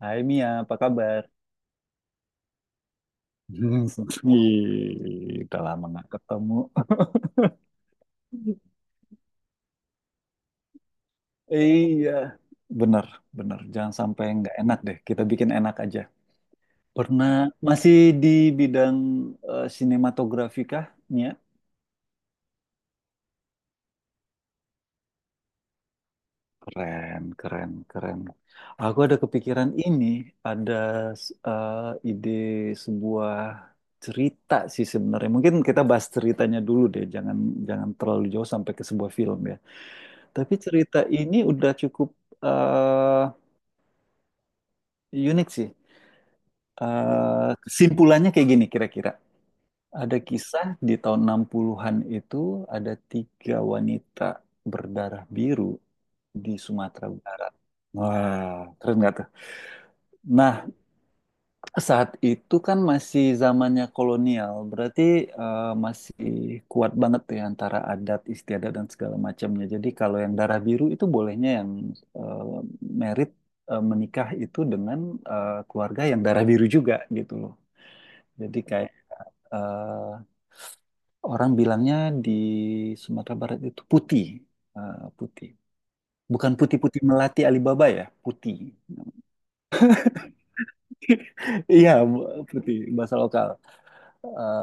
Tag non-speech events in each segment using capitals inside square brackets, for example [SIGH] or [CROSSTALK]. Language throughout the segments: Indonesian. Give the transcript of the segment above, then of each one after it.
Hai Mia, apa kabar? [LAUGHS] Ih, udah lama nggak ketemu. Iya, bener, bener. Jangan sampai nggak enak deh. Kita bikin enak aja. Pernah masih di bidang sinematografi kah, Mia? Keren, keren, keren. Aku ada kepikiran ini, ada s- eh, ide sebuah cerita sih sebenarnya. Mungkin kita bahas ceritanya dulu deh. Jangan, jangan terlalu jauh sampai ke sebuah film ya. Tapi cerita ini udah cukup eh, unik sih. Kesimpulannya kayak gini kira-kira. Ada kisah di tahun 60-an itu ada tiga wanita berdarah biru di Sumatera Barat. Wah, keren nggak tuh? Nah, saat itu kan masih zamannya kolonial, berarti masih kuat banget ya antara adat istiadat dan segala macamnya. Jadi kalau yang darah biru itu bolehnya yang eh, merit menikah itu dengan keluarga yang darah biru juga gitu loh. Jadi kayak eh, orang bilangnya di Sumatera Barat itu putih, putih. Bukan putih-putih melati Alibaba ya, putih. [LAUGHS] Iya, putih bahasa lokal. eh,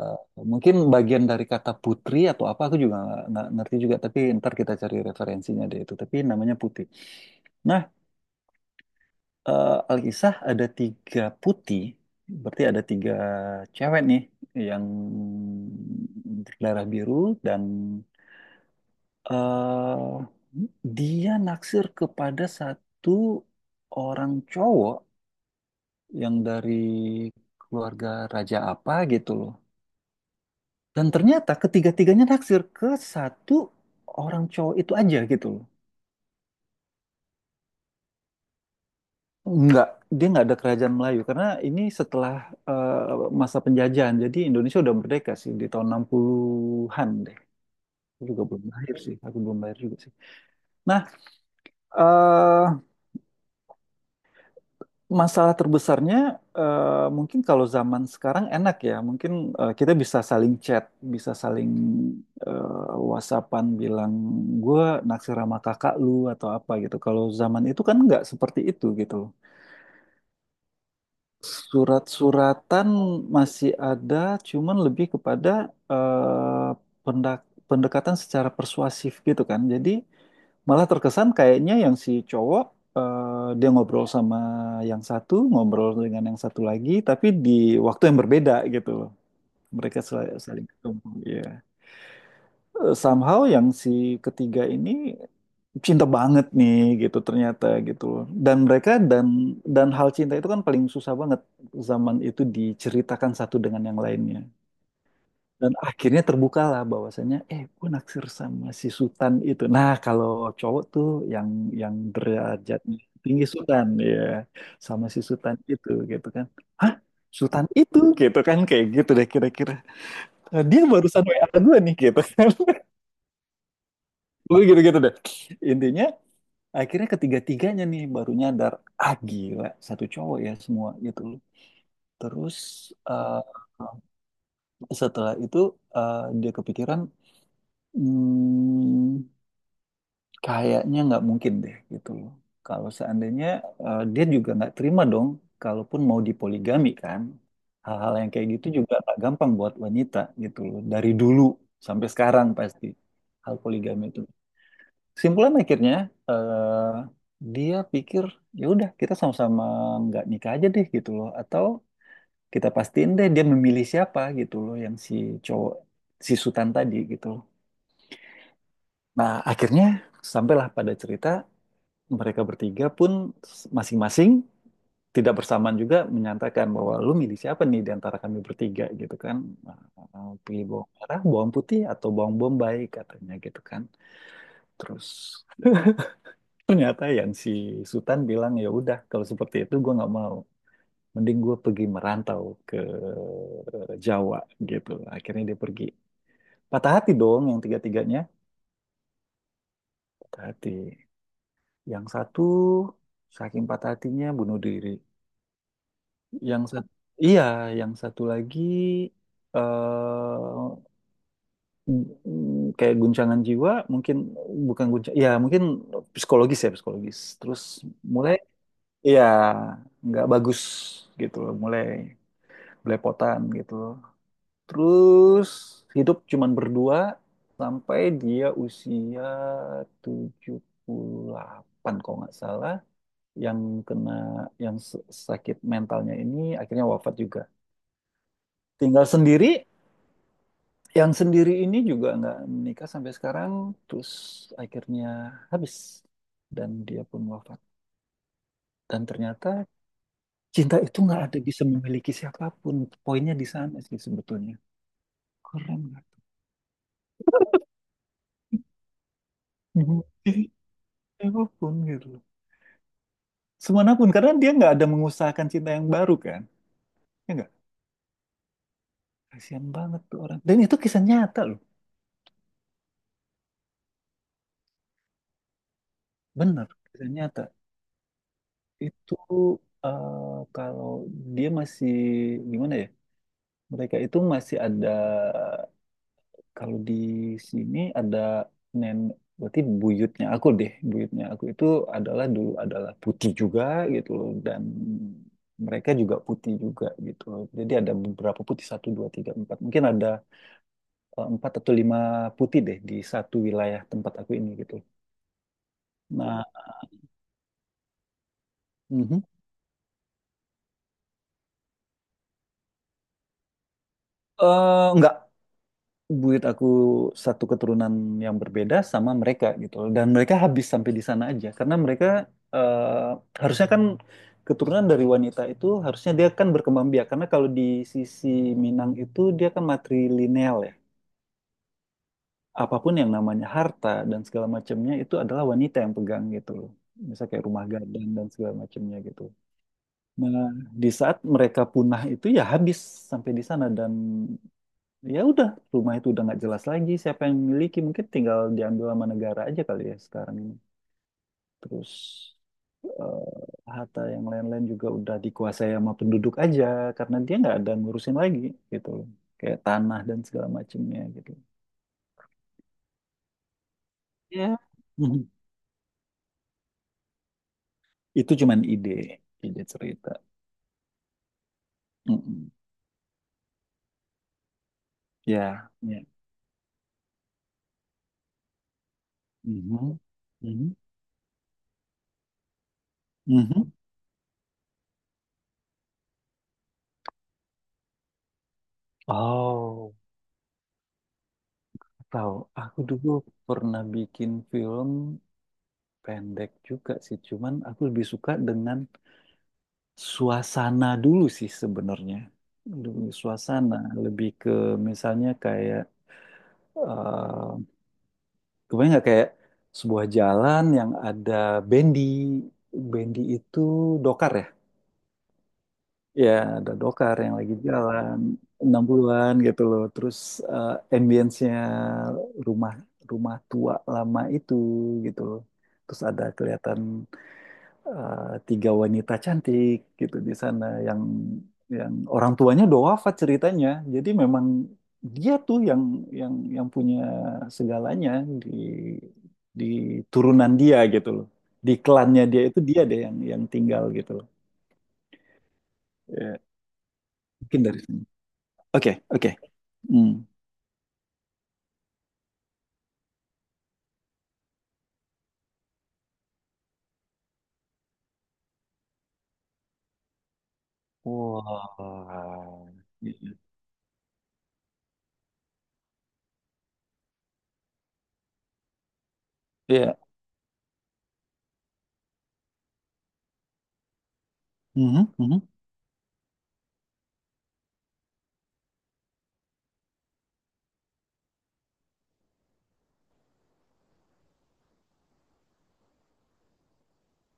Mungkin bagian dari kata putri atau apa aku juga nggak ngerti juga tapi ntar kita cari referensinya deh itu tapi namanya putih. Nah, alkisah ada tiga putih berarti ada tiga cewek nih yang berdarah biru dan eh dia naksir kepada satu orang cowok yang dari keluarga raja apa gitu loh. Dan ternyata ketiga-tiganya naksir ke satu orang cowok itu aja gitu loh. Enggak, dia nggak ada kerajaan Melayu karena ini setelah masa penjajahan. Jadi Indonesia udah merdeka sih di tahun 60-an deh. Aku juga belum lahir sih, aku belum lahir juga sih. Nah, eh masalah terbesarnya mungkin kalau zaman sekarang enak ya, mungkin kita bisa saling chat, bisa saling WhatsAppan bilang gue naksir sama kakak lu atau apa gitu. Kalau zaman itu kan nggak seperti itu gitu loh. Surat-suratan masih ada, cuman lebih kepada eh, pendekatan secara persuasif gitu kan. Jadi malah terkesan kayaknya yang si cowok dia ngobrol sama yang satu, ngobrol dengan yang satu lagi, tapi di waktu yang berbeda gitu loh. Mereka saling ketemu. Iya. Somehow yang si ketiga ini cinta banget nih gitu ternyata gitu loh. Dan mereka dan hal cinta itu kan paling susah banget zaman itu diceritakan satu dengan yang lainnya. Dan akhirnya terbukalah bahwasannya, gue naksir sama si Sultan itu. Nah, kalau cowok tuh yang yang derajatnya tinggi Sultan ya, sama si Sultan itu gitu kan. Hah? Sultan itu gitu kan kayak gitu deh kira-kira. Dia barusan WA gue nih gitu kan. [LAUGHS] Gue gitu-gitu deh. Intinya akhirnya ketiga-tiganya nih baru nyadar, ah gila, satu cowok ya semua gitu loh. Terus eh, setelah itu dia kepikiran, hmm. Kayaknya nggak mungkin deh gitu loh. Kalau seandainya dia juga nggak terima dong, kalaupun mau dipoligami kan. Hal-hal yang kayak gitu juga nggak gampang buat wanita gitu loh. Dari dulu sampai sekarang pasti hal poligami itu. Simpulan akhirnya eh, dia pikir ya udah kita sama-sama nggak nikah aja deh gitu loh. Atau kita pastiin deh dia memilih siapa gitu loh yang si cowok si Sutan tadi gitu loh. Nah akhirnya sampailah pada cerita mereka bertiga pun masing-masing tidak bersamaan juga menyatakan bahwa lu milih siapa nih di antara kami bertiga gitu kan. Pilih bawang merah, bawang putih, atau bawang bombay katanya gitu kan. Terus ternyata yang si Sultan bilang ya udah kalau seperti itu gue nggak mau. Mending gue pergi merantau ke Jawa gitu. Akhirnya dia pergi. Patah hati dong yang tiga-tiganya. Patah hati. Yang satu saking patah hatinya bunuh diri. Yang satu, iya, yang satu lagi eh kayak guncangan jiwa, mungkin bukan guncang, ya mungkin psikologis ya psikologis. Terus mulai, iya, nggak bagus gitu loh, mulai belepotan gitu loh. Terus hidup cuman berdua sampai dia usia 78 kalau nggak salah. Yang kena, yang sakit mentalnya ini akhirnya wafat juga, tinggal sendiri. Yang sendiri ini juga nggak menikah sampai sekarang, terus akhirnya habis dan dia pun wafat. Dan ternyata cinta itu nggak ada bisa memiliki siapapun. Poinnya di sana sih sebetulnya. Keren nggak? Jadi siapapun gitu loh. Semanapun karena dia nggak ada mengusahakan cinta yang baru kan? Ya nggak? Kasihan banget tuh orang. Dan itu kisah nyata loh. Bener, kisah nyata. Itu kalau dia masih gimana ya? Mereka itu masih ada. Kalau di sini ada nen, berarti buyutnya aku deh, buyutnya aku itu adalah dulu adalah putih juga gitu loh, dan mereka juga putih juga gitu loh. Jadi ada beberapa putih satu dua tiga empat, mungkin ada empat atau lima putih deh di satu wilayah tempat aku ini gitu. Nah, mhm. Nggak, buat aku satu keturunan yang berbeda sama mereka gitu loh. Dan mereka habis sampai di sana aja karena mereka eh, harusnya kan keturunan dari wanita itu harusnya dia kan berkembang biak karena kalau di sisi Minang itu dia kan matrilineal ya. Apapun yang namanya harta dan segala macamnya itu adalah wanita yang pegang gitu loh. Misal kayak rumah gadang dan segala macamnya gitu. Nah, di saat mereka punah itu ya habis sampai di sana. Dan ya udah rumah itu udah nggak jelas lagi siapa yang memiliki, mungkin tinggal diambil sama negara aja kali ya sekarang ini. Terus harta yang lain-lain juga udah dikuasai sama penduduk aja karena dia nggak ada ngurusin lagi gitu loh, kayak tanah dan segala macamnya gitu. Ya. Mhm. Itu cuman ide ide cerita. Mm-mm. Ya, ya. Mhm. Mhm. Mhm. Oh tahu, aku dulu pernah bikin film pendek juga sih, cuman aku lebih suka dengan suasana dulu sih sebenarnya. Lebih suasana, lebih ke misalnya kayak, eh kebayang nggak kayak sebuah jalan yang ada bendi, bendi itu dokar ya? Ya, ada dokar yang lagi jalan 60-an gitu loh. Terus eh ambience-nya rumah rumah tua lama itu gitu loh. Terus ada kelihatan eh, tiga wanita cantik gitu di sana yang orang tuanya udah wafat ceritanya. Jadi memang dia tuh yang punya segalanya di di turunan dia gitu loh. Di klannya dia itu dia deh yang tinggal gitu loh. Ya, mungkin dari sini. Oke, oke. Hmm. Wah. Iya. Mhm, mhm,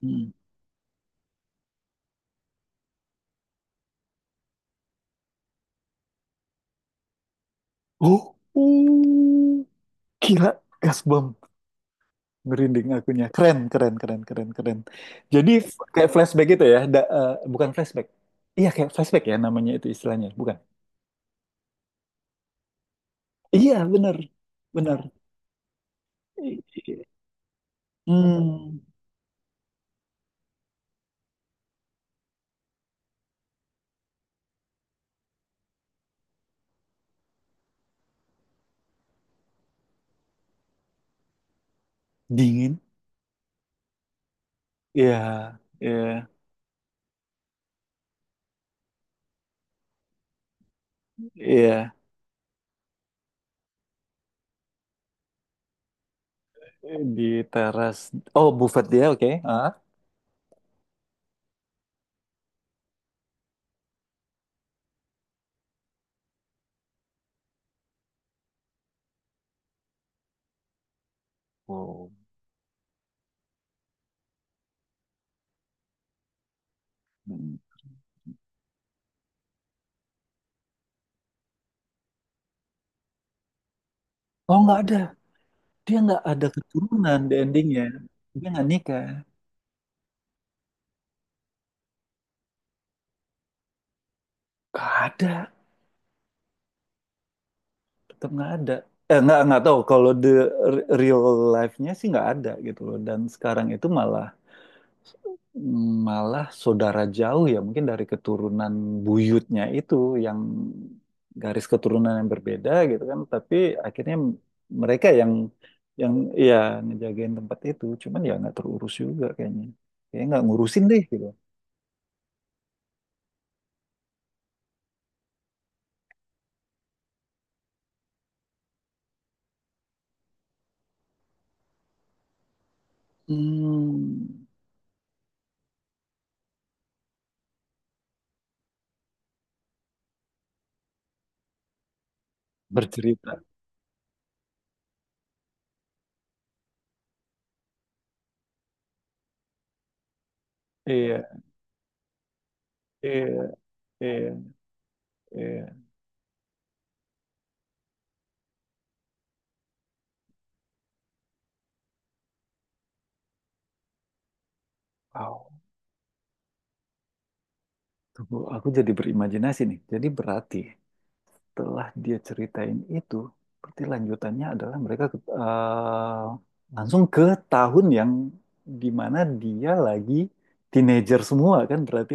mhm. Oh, uh, gila gas bom, merinding akunya. Keren, keren, keren, keren, keren. Jadi kayak flashback gitu ya, bukan flashback. Iya kayak flashback ya namanya itu istilahnya, bukan? Iya bener, bener. I- i- Hmm, dingin. Iya, iya, iya. Di teras. Oh, buffet dia, oke. Ah. Oh. Hmm. Oh, nggak ada. Dia nggak ada keturunan di endingnya. Dia nggak nikah. Nggak ada. Tetap nggak ada, nggak tahu kalau the real life-nya sih nggak ada gitu loh, dan sekarang itu malah malah saudara jauh ya mungkin dari keturunan buyutnya itu, yang garis keturunan yang berbeda gitu kan tapi akhirnya mereka yang ya ngejagain tempat itu cuman ya nggak terurus juga kayaknya, kayaknya nggak ngurusin deh gitu. Hmm, bercerita. Iya, iya, iya, iya. Wow. Tunggu, aku jadi berimajinasi nih. Jadi berarti setelah dia ceritain itu, berarti lanjutannya adalah mereka langsung ke tahun yang dimana dia lagi teenager semua kan berarti.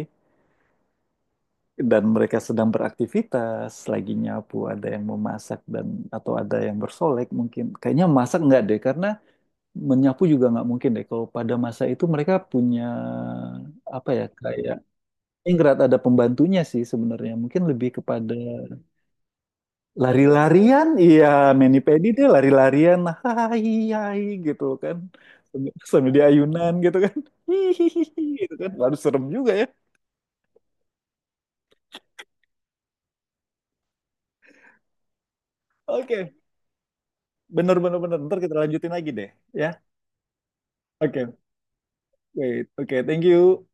Dan mereka sedang beraktivitas, lagi nyapu, ada yang memasak, atau ada yang bersolek mungkin. Kayaknya masak nggak deh karena menyapu juga nggak mungkin deh. Kalau pada masa itu mereka punya apa ya, kayak ningrat ada pembantunya sih sebenarnya. Mungkin lebih kepada lari-larian. Iya, Manny Pedi dia lari-larian. Hai, hai gitu kan. Sambil dia ayunan gitu kan. Hihihi gitu kan. Baru serem juga ya. Oke, bener bener bener. Ntar kita lanjutin lagi deh. Ya. Oke, wait. Oke, thank you.